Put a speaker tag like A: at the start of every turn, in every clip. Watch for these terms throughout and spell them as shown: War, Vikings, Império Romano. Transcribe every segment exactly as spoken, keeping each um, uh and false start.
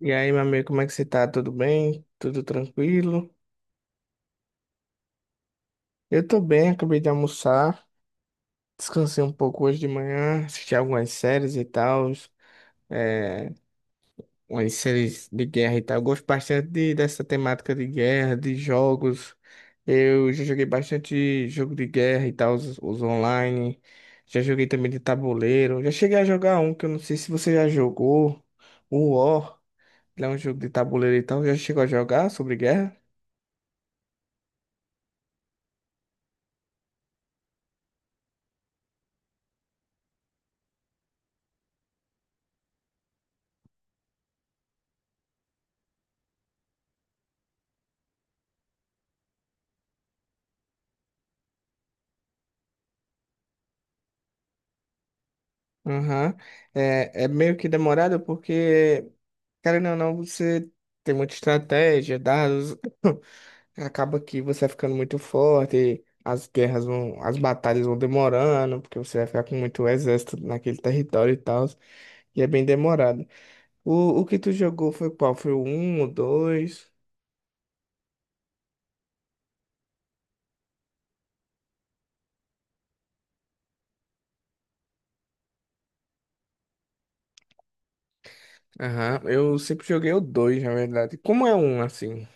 A: E aí, meu amigo, como é que você tá? Tudo bem? Tudo tranquilo? Eu tô bem, acabei de almoçar, descansei um pouco hoje de manhã, assisti algumas séries e tal, é, umas séries de guerra e tal. Eu gosto bastante de- dessa temática de guerra, de jogos. Eu já joguei bastante jogo de guerra e tal, os, os online. Já joguei também de tabuleiro. Já cheguei a jogar um que eu não sei se você já jogou, o War. Ele é um jogo de tabuleiro e tal. Já chegou a jogar sobre guerra? Aham. É, é meio que demorado porque, querendo ou não, você tem muita estratégia, dados, acaba que você vai ficando muito forte, as guerras vão, as batalhas vão demorando, porque você vai ficar com muito exército naquele território e tal, e é bem demorado. O, o que tu jogou foi qual? Foi o um, o dois? Aham, eu sempre joguei o dois na verdade. Como é um, assim?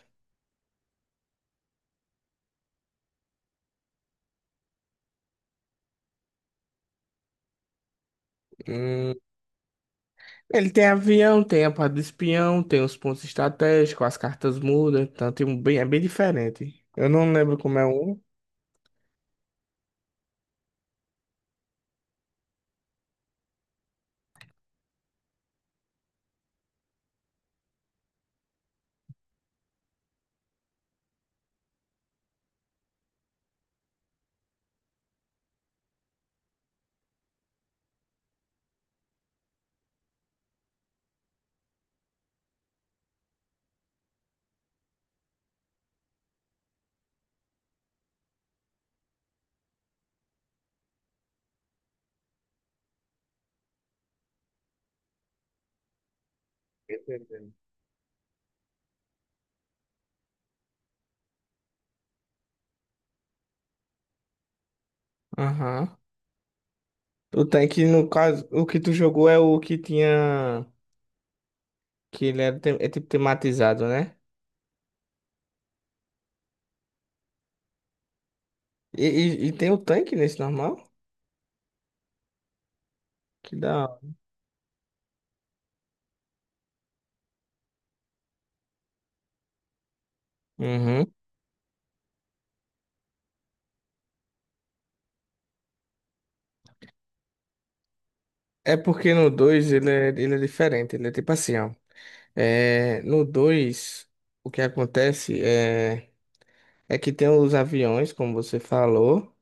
A: Ele tem avião, tem a parte do espião, tem os pontos estratégicos, as cartas mudam, então tem um bem, é bem diferente. Eu não lembro como é um. Entendendo. Aham. O tanque, no caso, o que tu jogou é o que tinha. Que ele era, tem- é tipo tematizado, né? E, e, e tem o tanque nesse normal? Que dá. Uhum. É porque no dois ele é, ele é diferente, ele é tipo assim, ó. É, no dois o que acontece é, é que tem os aviões, como você falou.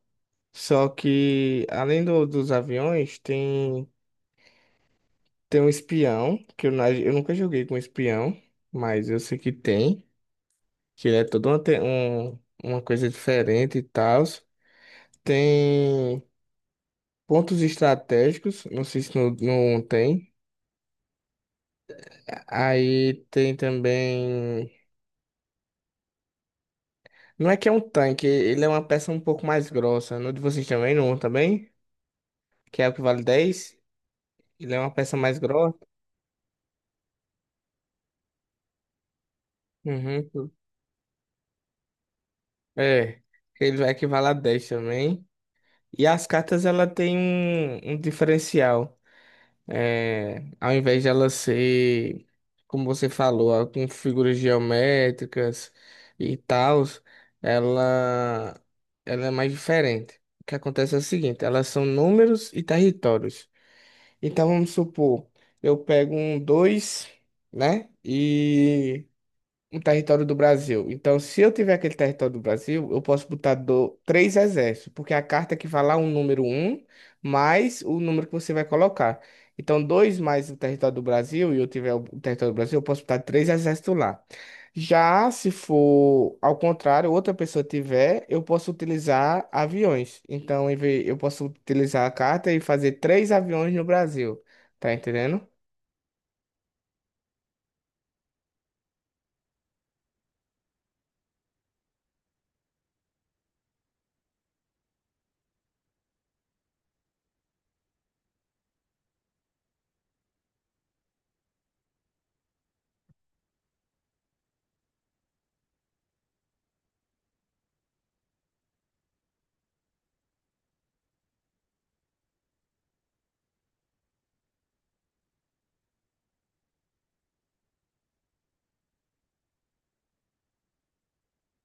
A: Só que, além do- dos aviões, tem, tem um espião, que eu, na- eu nunca joguei com espião, mas eu sei que tem, que ele é toda uma, te- um- uma coisa diferente e tal. Tem pontos estratégicos, não sei se não, não tem. Aí tem também. Não é que é um tanque, ele é uma peça um pouco mais grossa. No de vocês também, não também? Que é o que vale dez. Ele é uma peça mais grossa. Uhum. É. Ele vai equivaler a dez também. E as cartas, ela tem um, um diferencial. É, ao invés de ela ser, como você falou, ah, com figuras geométricas e tal, ela, ela é mais diferente. O que acontece é o seguinte, elas são números e territórios. Então, vamos supor, eu pego um dois, né? E um território do Brasil. Então, se eu tiver aquele território do Brasil, eu posso botar do, três exércitos, porque a carta equivale a um número um mais o número que você vai colocar. Então, dois mais o território do Brasil, e eu tiver o território do Brasil, eu posso botar três exércitos lá. Já se for ao contrário, outra pessoa tiver, eu posso utilizar aviões. Então, em vez- eu posso utilizar a carta e fazer três aviões no Brasil. Tá entendendo?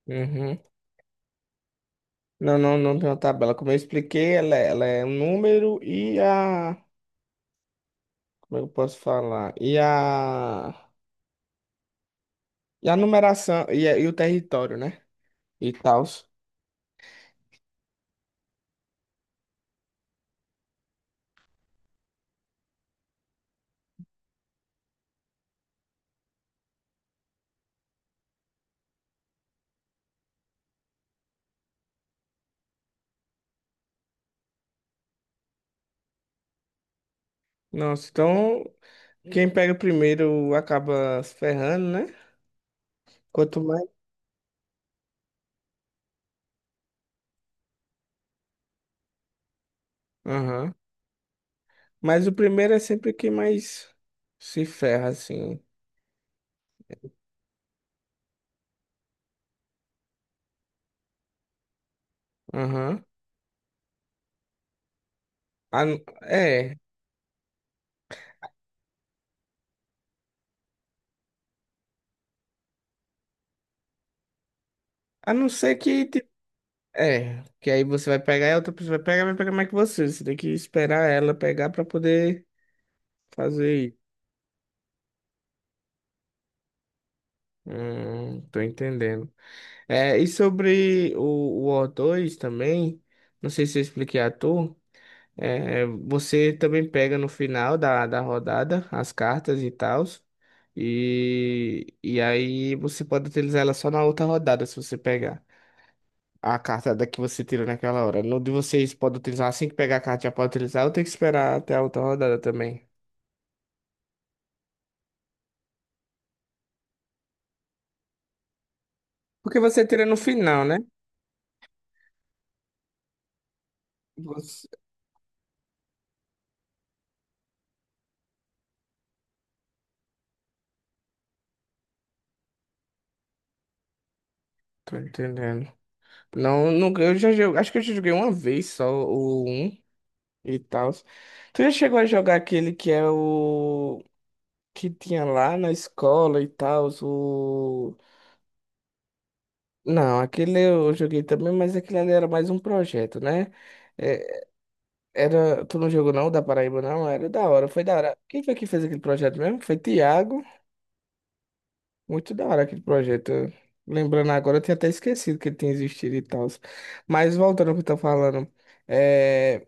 A: Uhum. Não, não, não tem uma tabela. Como eu expliquei, ela é, ela é um número e a. Como eu posso falar? E a. E a numeração e, a- e o território, né? E tal. Nossa, então quem pega primeiro acaba se ferrando, né? Quanto mais. Aham. Mas o primeiro é sempre quem mais se ferra, assim. Aham. A n- É. A não ser que. Ti- É. Que aí você vai pegar e a outra pessoa vai pegar, vai pegar mais que você. Você tem que esperar ela pegar pra poder. Fazer. Hum, tô entendendo. É, e sobre o, o O2 também, não sei se eu expliquei a tu, é, você também pega no final da, da rodada as cartas e tal, e, e aí você pode utilizar ela só na outra rodada, se você pegar a carta da que você tirou naquela hora. No de vocês pode utilizar assim que pegar a carta, já pode utilizar, ou tem que esperar até a outra rodada também? Porque você tira no final, né? Você... Tô entendendo. Não, nunca. Eu já joguei. Acho que eu já joguei uma vez só o um e tal. Tu já chegou a jogar aquele que é o. Que tinha lá na escola e tal, o. Não, aquele eu joguei também, mas aquele ali era mais um projeto, né? É, era. Tu não jogou não, o da Paraíba, não? Era da hora, foi da hora. Quem foi que fez aquele projeto mesmo? Foi Tiago. Muito da hora aquele projeto. Lembrando agora, eu tinha até esquecido que ele tinha existido e tal. Mas voltando ao que eu tô falando. é,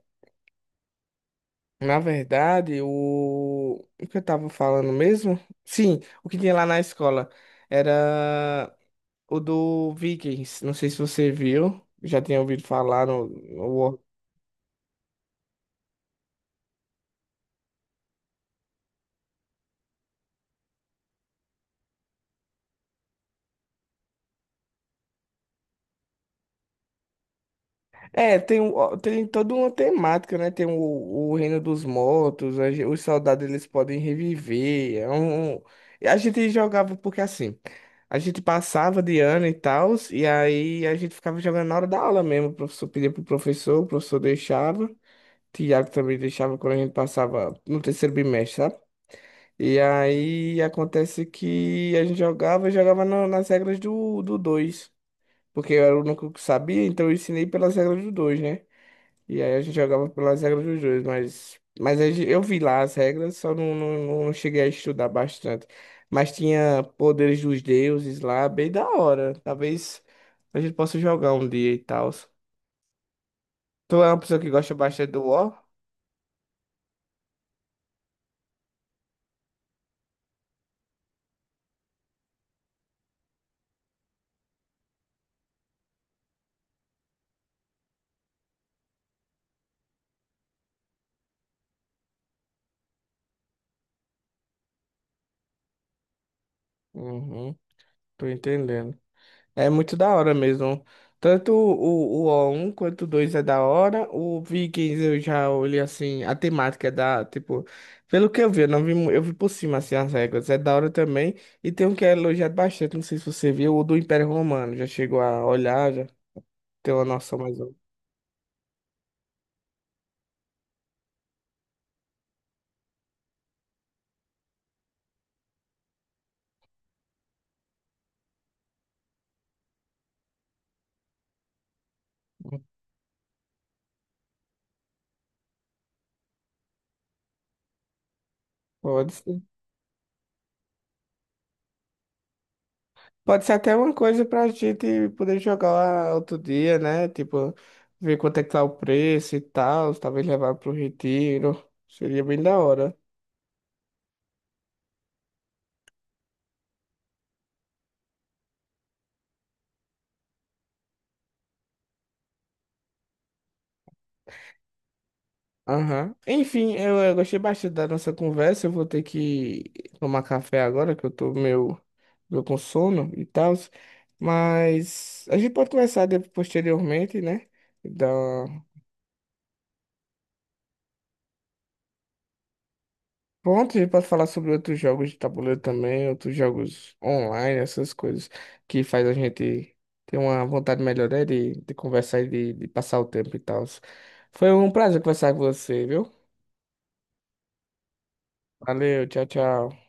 A: Na verdade, o... o que eu tava falando mesmo? Sim, o que tinha lá na escola era o do Vikings. Não sei se você viu, já tinha ouvido falar no. no- É, tem, um- tem toda uma temática, né? Tem o, o Reino dos Mortos, a gen- os soldados eles podem reviver. É um... um, e a gente jogava porque assim, a gente passava de ano e tal, e aí a gente ficava jogando na hora da aula mesmo. O professor pedia pro professor, o professor deixava. Tiago também deixava quando a gente passava no terceiro bimestre, sabe? E aí acontece que a gente jogava, e jogava na- nas regras do, do dois, porque eu era o único que sabia, então eu ensinei pelas regras do dois, né? E aí a gente jogava pelas regras dos dois, mas, mas a gen- eu vi lá as regras, só não, não, não cheguei a estudar bastante. Mas tinha poderes dos deuses lá, bem da hora. Talvez a gente possa jogar um dia e tal. Tu é uma pessoa que gosta bastante do War? Uhum, tô entendendo. É muito da hora mesmo. Tanto o, o O1 quanto o dois é da hora. O Vikings eu já olhei assim, a temática é da, tipo, pelo que eu vi, eu não vi, mu- eu vi por cima assim as regras. É da hora também. E tem um que é elogiado bastante, não sei se você viu, o do Império Romano. Já chegou a olhar, já tem uma noção mais ou menos. Pode ser. Pode ser até uma coisa pra gente poder jogar outro dia, né? Tipo, ver quanto é que tá o preço e tal, talvez levar pro retiro. Seria bem da hora. Aham. Enfim, eu, eu gostei bastante da nossa conversa. Eu vou ter que tomar café agora, que eu tô meio, meio com sono e tal. Mas a gente pode começar de- posteriormente, né? Da... Pronto, a gente pode falar sobre outros jogos de tabuleiro também, outros jogos online, essas coisas que faz a gente ter uma vontade melhor, né? De, de conversar e de, de passar o tempo e tal. Foi um prazer conversar com você, viu? Valeu, tchau, tchau.